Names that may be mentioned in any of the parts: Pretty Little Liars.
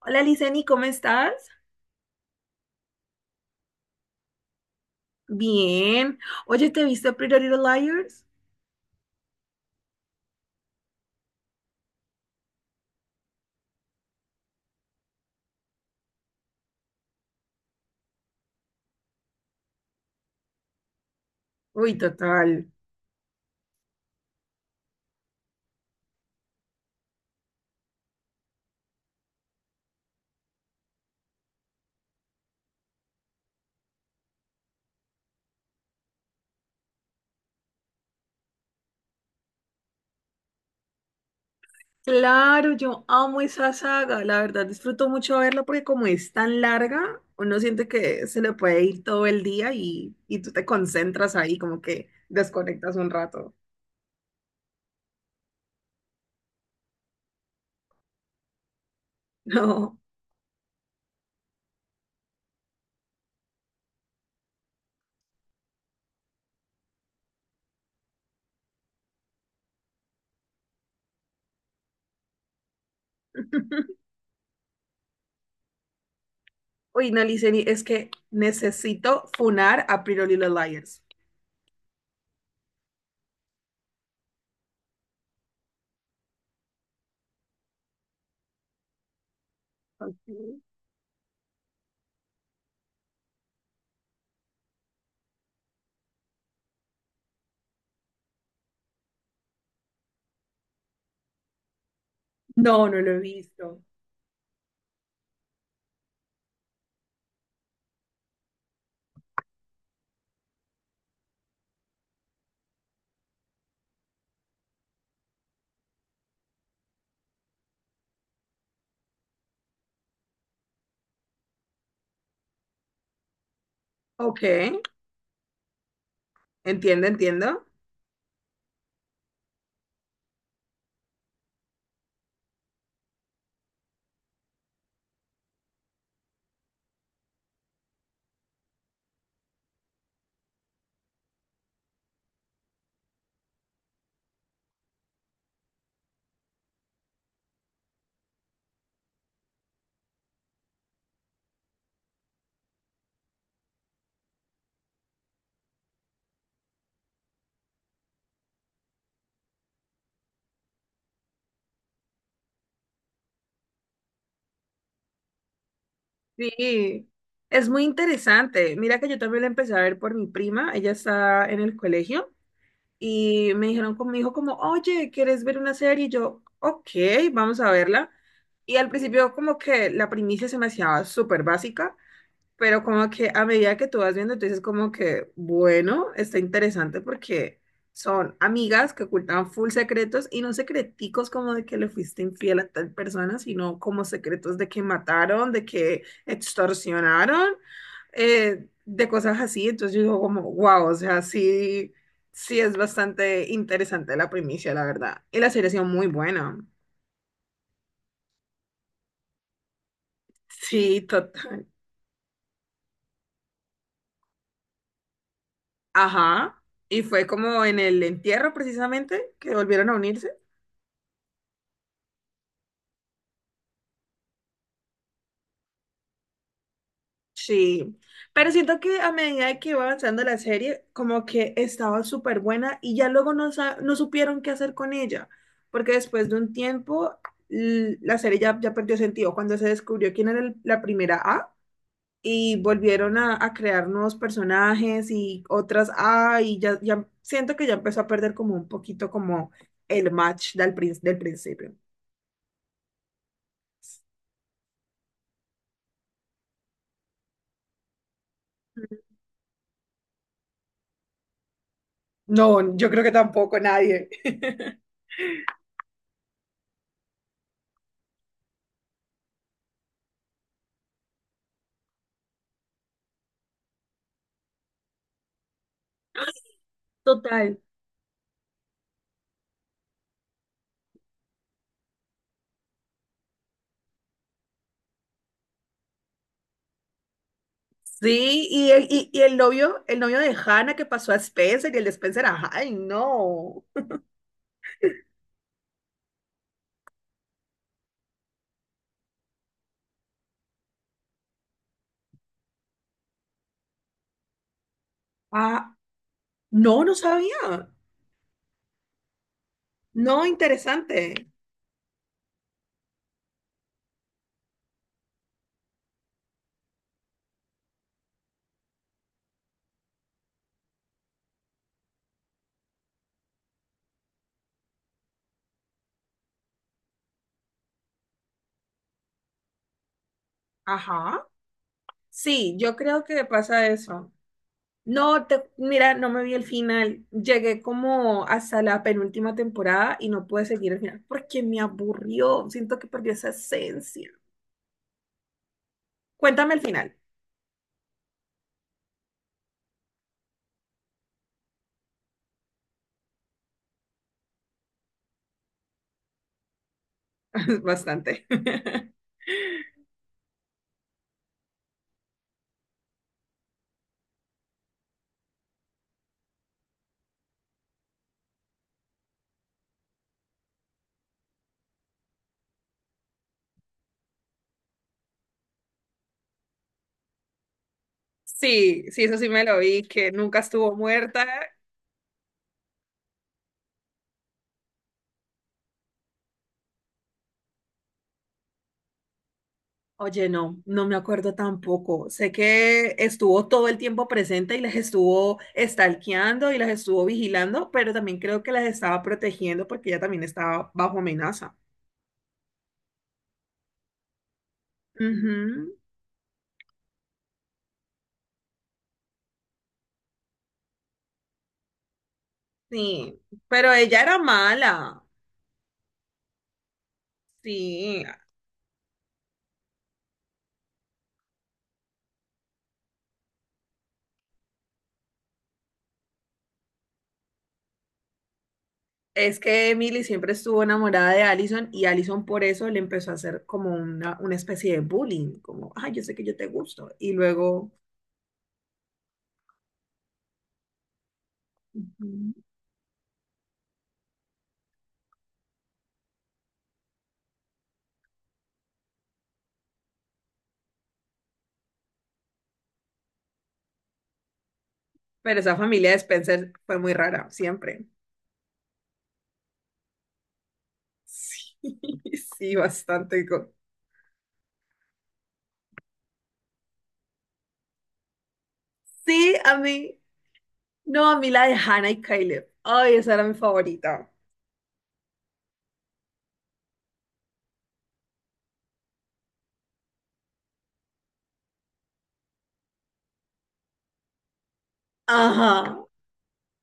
Hola, Liceni, ¿cómo estás? Bien. Oye, ¿te viste Pretty Little Liars? Uy, total. Claro, yo amo esa saga. La verdad, disfruto mucho verla porque como es tan larga, uno siente que se le puede ir todo el día y tú te concentras ahí, como que desconectas un rato. No. Uy, no, Liceni, es que necesito funar a Pretty Little Liars. Ok. No, no lo he visto. Ok, entiendo, entiendo. Sí, es muy interesante. Mira que yo también la empecé a ver por mi prima, ella está en el colegio y me dijeron conmigo como, oye, ¿quieres ver una serie? Y yo, ok, vamos a verla. Y al principio como que la primicia se me hacía súper básica. Pero como que a medida que tú vas viendo, tú dices como que, bueno, está interesante porque son amigas que ocultan full secretos y no secreticos como de que le fuiste infiel a tal persona, sino como secretos de que mataron, de que extorsionaron, de cosas así. Entonces yo digo como, wow, o sea, sí, sí es bastante interesante la primicia, la verdad. Y la serie ha sido muy buena. Sí, total. Ajá. Y fue como en el entierro precisamente que volvieron a unirse. Sí, pero siento que a medida de que iba avanzando la serie, como que estaba súper buena y ya luego no, no supieron qué hacer con ella, porque después de un tiempo la serie ya, ya perdió sentido cuando se descubrió quién era la primera A y volvieron a crear nuevos personajes y otras A y ya, ya siento que ya empezó a perder como un poquito como el match del, del principio. No, yo creo que tampoco nadie. Total. Sí, y el, y el novio de Hannah que pasó a Spencer y el de Spencer a Hyde, no. Ah, no, no sabía. No, interesante. Ajá. Sí, yo creo que pasa eso. No, te, mira, no me vi el final. Llegué como hasta la penúltima temporada y no pude seguir el final porque me aburrió. Siento que perdió esa esencia. Cuéntame el final. Bastante. Sí, sí, eso sí me lo vi, que nunca estuvo muerta. Oye, no, no me acuerdo tampoco. Sé que estuvo todo el tiempo presente y las estuvo stalkeando y las estuvo vigilando, pero también creo que las estaba protegiendo porque ella también estaba bajo amenaza. Ujú, sí, pero ella era mala. Sí, es que Emily siempre estuvo enamorada de Allison y Allison por eso le empezó a hacer como una especie de bullying, como, ay, yo sé que yo te gusto. Y luego, ujú. Pero esa familia de Spencer fue muy rara, siempre. Sí, sí, bastante. Icó- Sí, a mí. No, a mí la de Hannah y Caleb. Ay, esa era mi favorita. Ajá.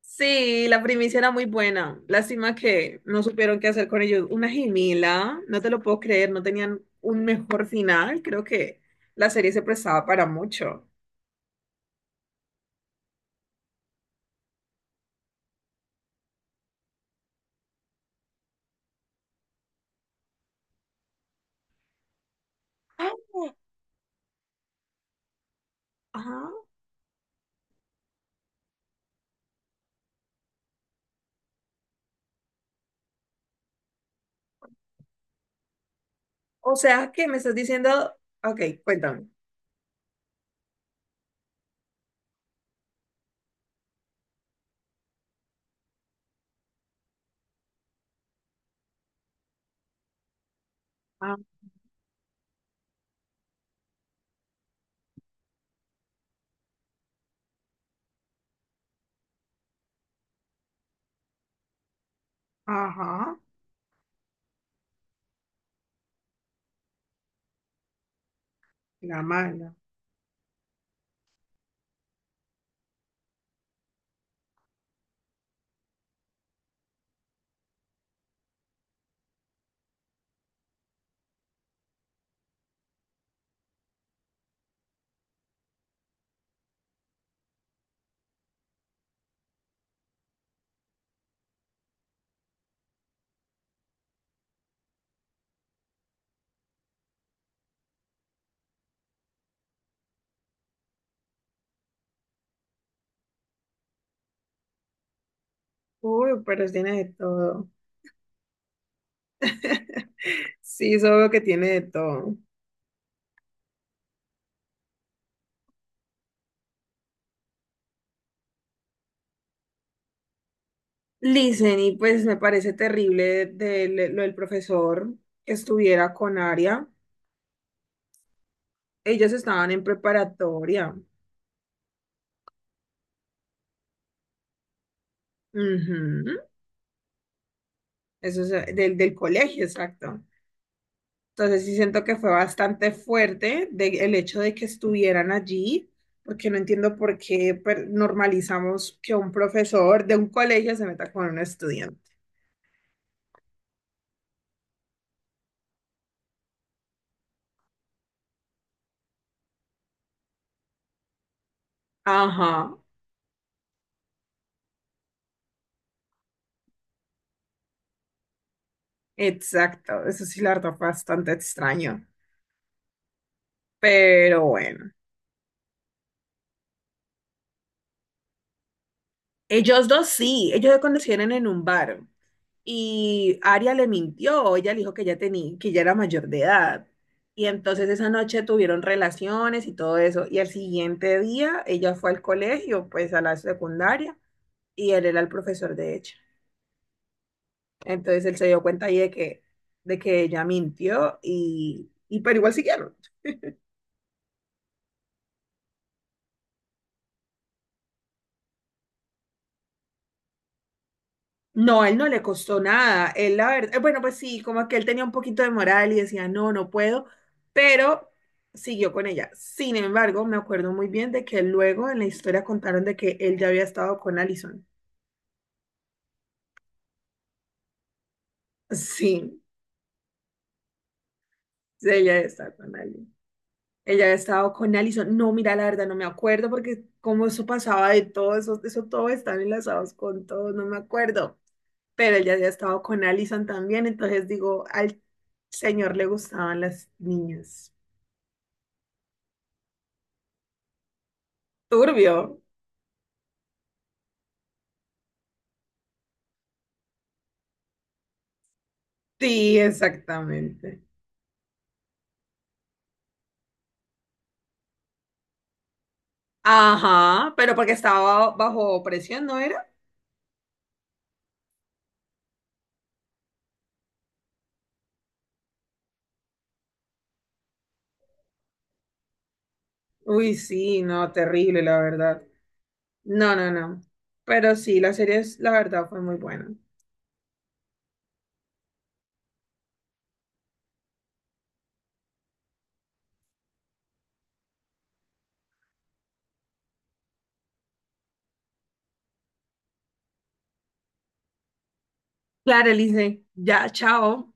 Sí, la primicia era muy buena. Lástima que no supieron qué hacer con ellos. Una gemela, no te lo puedo creer, no tenían un mejor final. Creo que la serie se prestaba para mucho. Ah. Ajá. ¿O sea, que me estás diciendo? Ok, cuéntame. Ah. Ajá, la mala. Uy, pero tiene de todo. Sí, solo que tiene de todo. Listen, y pues me parece terrible de lo del profesor que estuviera con Aria. Ellos estaban en preparatoria. Ujú. Eso es del, del colegio, exacto. Entonces sí siento que fue bastante fuerte el hecho de que estuvieran allí, porque no entiendo por qué normalizamos que un profesor de un colegio se meta con un estudiante. Ajá, exacto. Eso sí, la verdad, fue bastante extraño. Pero bueno, ellos dos sí, ellos se conocieron en un bar y Aria le mintió, ella le dijo que ya tenía, que ya era mayor de edad. Y entonces esa noche tuvieron relaciones y todo eso. Y al siguiente día ella fue al colegio, pues a la secundaria, y él era el profesor de ella. Entonces él se dio cuenta ahí de que ella mintió y pero igual siguieron. No, a él no le costó nada. Él, la verdad, bueno, pues sí, como que él tenía un poquito de moral y decía, no, no puedo, pero siguió con ella. Sin embargo, me acuerdo muy bien de que luego en la historia contaron de que él ya había estado con Allison. Sí, sí, ella había estado con Allison. Ella había estado con Allison. No, mira, la verdad, no me acuerdo porque como eso pasaba de todo, eso todo están enlazados con todo, no me acuerdo. Pero él ya había estado con Allison también, entonces digo, al señor le gustaban las niñas. Turbio. Sí, exactamente. Ajá, pero porque estaba bajo presión, ¿no era? Uy, sí, no, terrible, la verdad. No, no, no. Pero sí, la serie, la verdad, fue muy buena. Claro, Elise, ya, chao.